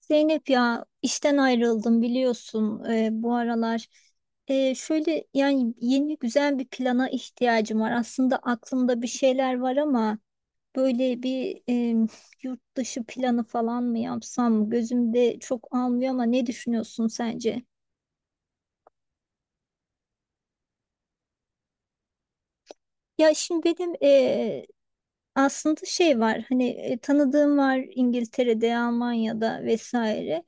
Zeynep ya, işten ayrıldım biliyorsun bu aralar. Şöyle yani, yeni güzel bir plana ihtiyacım var. Aslında aklımda bir şeyler var ama böyle bir yurt dışı planı falan mı yapsam, gözümde çok almıyor ama ne düşünüyorsun, sence? Ya şimdi benim aslında şey var, hani tanıdığım var İngiltere'de, Almanya'da vesaire.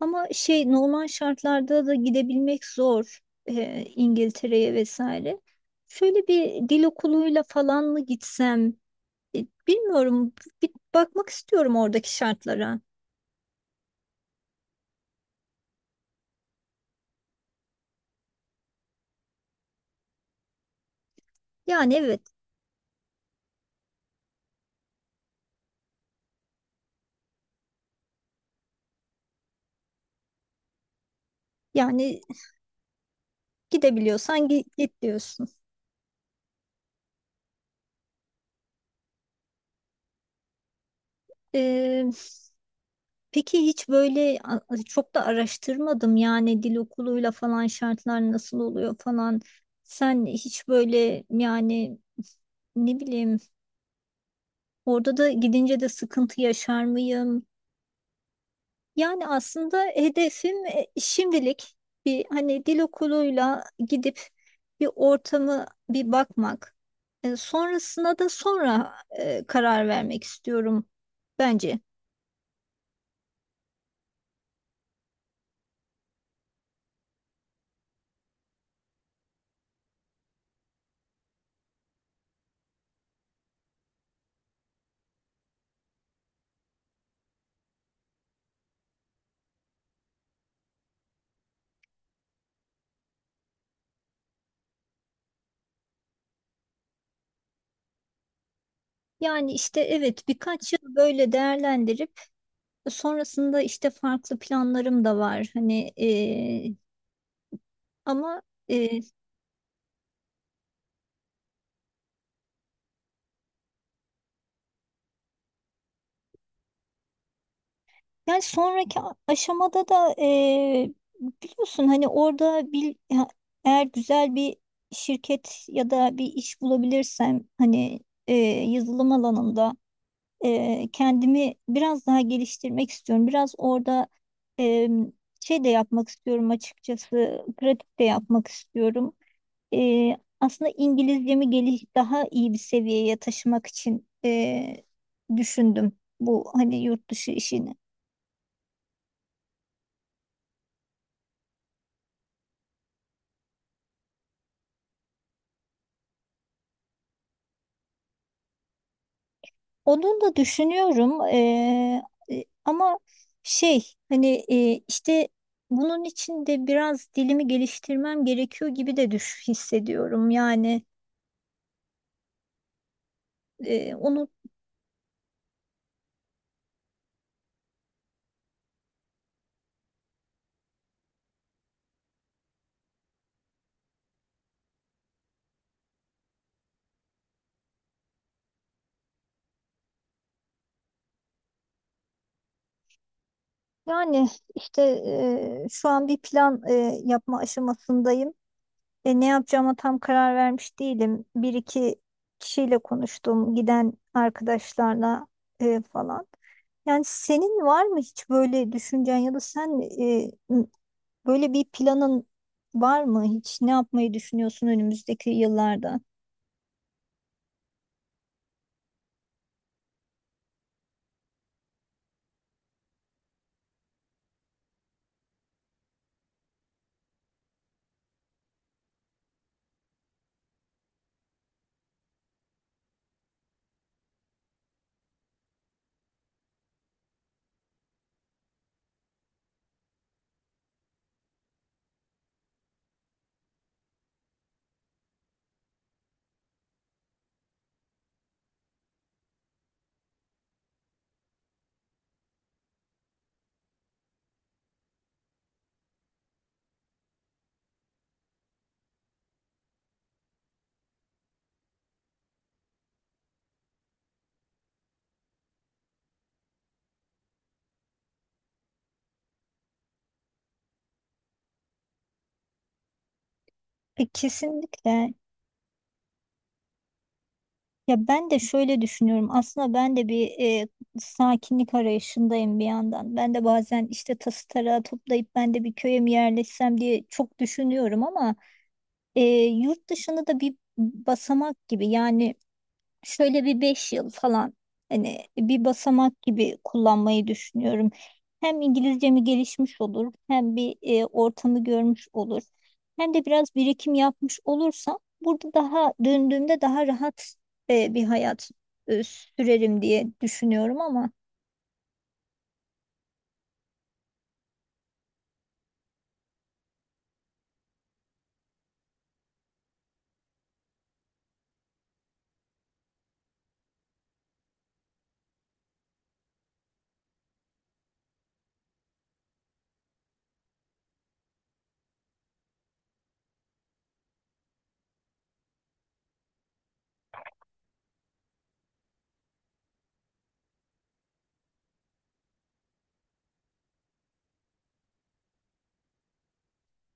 Ama şey, normal şartlarda da gidebilmek zor İngiltere'ye vesaire. Şöyle bir dil okuluyla falan mı gitsem? E, Bilmiyorum, bir bakmak istiyorum oradaki şartlara. Yani evet. Yani gidebiliyorsan git, git diyorsun. Peki hiç böyle çok da araştırmadım, yani dil okuluyla falan şartlar nasıl oluyor falan. Sen hiç böyle, yani ne bileyim, orada da gidince de sıkıntı yaşar mıyım? Yani aslında hedefim şimdilik bir, hani dil okuluyla gidip bir ortamı bir bakmak. Sonrasına da sonra karar vermek istiyorum bence. Yani işte evet, birkaç yıl böyle değerlendirip sonrasında işte farklı planlarım da var. Hani ama e, yani sonraki aşamada da biliyorsun hani orada eğer güzel bir şirket ya da bir iş bulabilirsem hani yazılım alanında kendimi biraz daha geliştirmek istiyorum. Biraz orada e, şey de yapmak istiyorum, açıkçası pratik de yapmak istiyorum. Aslında İngilizcemi geliş daha iyi bir seviyeye taşımak için düşündüm bu hani yurt dışı işini. Onun da düşünüyorum ama şey, hani işte bunun için de biraz dilimi geliştirmem gerekiyor gibi de düş hissediyorum. Yani onu yani işte şu an bir plan yapma aşamasındayım. Ne yapacağıma tam karar vermiş değilim. Bir iki kişiyle konuştum, giden arkadaşlarla falan. Yani senin var mı hiç böyle düşüncen, ya da sen böyle bir planın var mı hiç? Ne yapmayı düşünüyorsun önümüzdeki yıllarda? Kesinlikle. Ya ben de şöyle düşünüyorum. Aslında ben de bir sakinlik arayışındayım bir yandan. Ben de bazen işte tası tarağı toplayıp ben de bir köye mi yerleşsem diye çok düşünüyorum ama e, yurt dışında da bir basamak gibi, yani şöyle bir 5 yıl falan hani bir basamak gibi kullanmayı düşünüyorum. Hem İngilizcemi gelişmiş olur, hem bir ortamı görmüş olur, hem de biraz birikim yapmış olursam burada daha döndüğümde daha rahat bir hayat sürerim diye düşünüyorum ama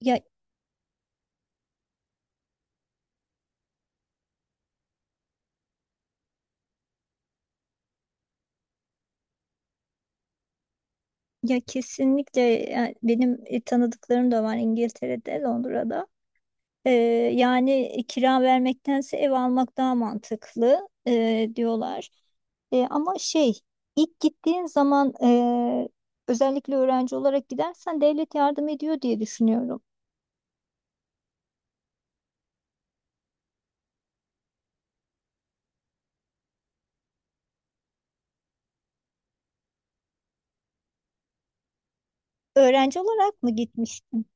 ya ya, kesinlikle. Yani benim tanıdıklarım da var İngiltere'de, Londra'da. Ee, yani kira vermektense ev almak daha mantıklı diyorlar. E, ama şey, ilk gittiğin zaman özellikle öğrenci olarak gidersen devlet yardım ediyor diye düşünüyorum. Öğrenci olarak mı gitmiştin?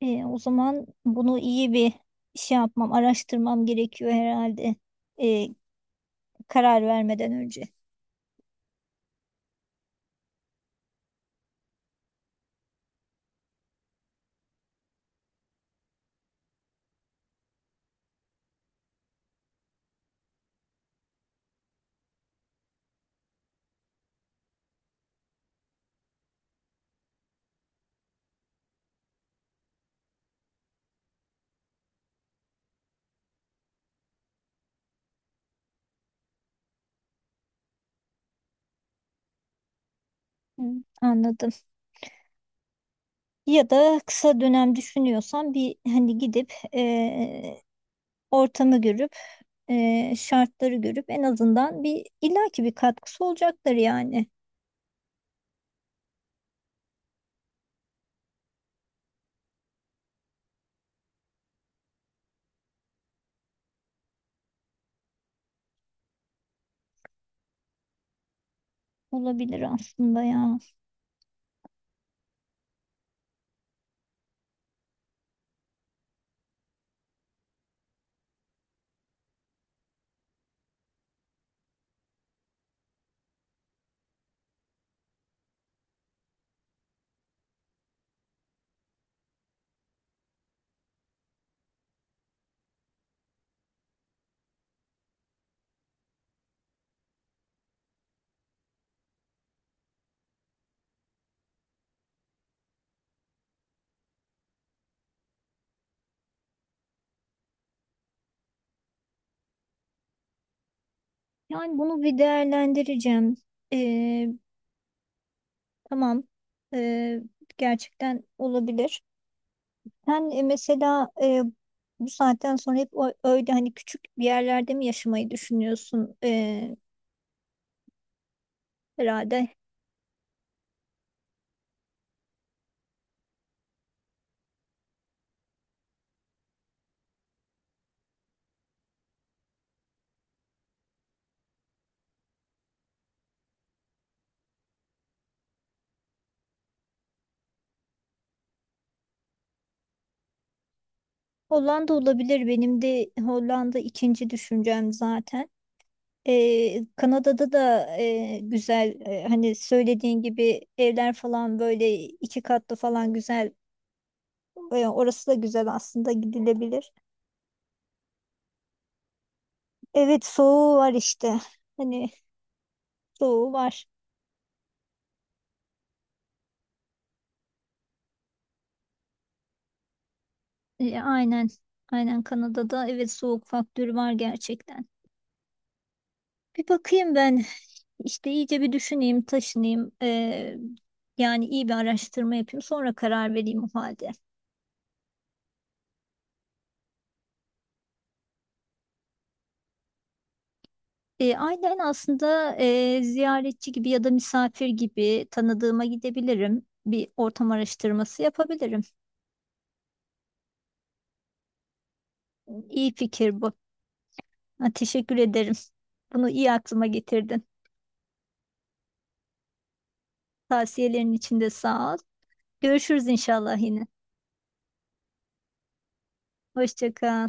O zaman bunu iyi bir şey yapmam, araştırmam gerekiyor herhalde. E, Karar vermeden önce. Hı, anladım. Ya da kısa dönem düşünüyorsan, bir hani gidip ortamı görüp şartları görüp en azından bir, illaki bir katkısı olacaktır yani. Olabilir aslında ya. Yani bunu bir değerlendireceğim. Ee, tamam. Ee, gerçekten olabilir. Sen mesela bu saatten sonra hep öyle hani küçük bir yerlerde mi yaşamayı düşünüyorsun, ee, herhalde? Hollanda olabilir. Benim de Hollanda ikinci düşüncem zaten. Kanada'da da güzel, hani söylediğin gibi evler falan böyle iki katlı falan güzel. Orası da güzel aslında, gidilebilir. Evet, soğuğu var işte. Hani, soğuğu var. E, aynen. Aynen, Kanada'da evet, soğuk faktörü var gerçekten. Bir bakayım ben işte, iyice bir düşüneyim, taşınayım. Yani iyi bir araştırma yapayım, sonra karar vereyim o halde. E, aynen. Aslında ziyaretçi gibi ya da misafir gibi tanıdığıma gidebilirim. Bir ortam araştırması yapabilirim. İyi fikir bu. Ha, teşekkür ederim. Bunu iyi aklıma getirdin. Tavsiyelerin için de sağ ol. Görüşürüz inşallah yine. Hoşça kal.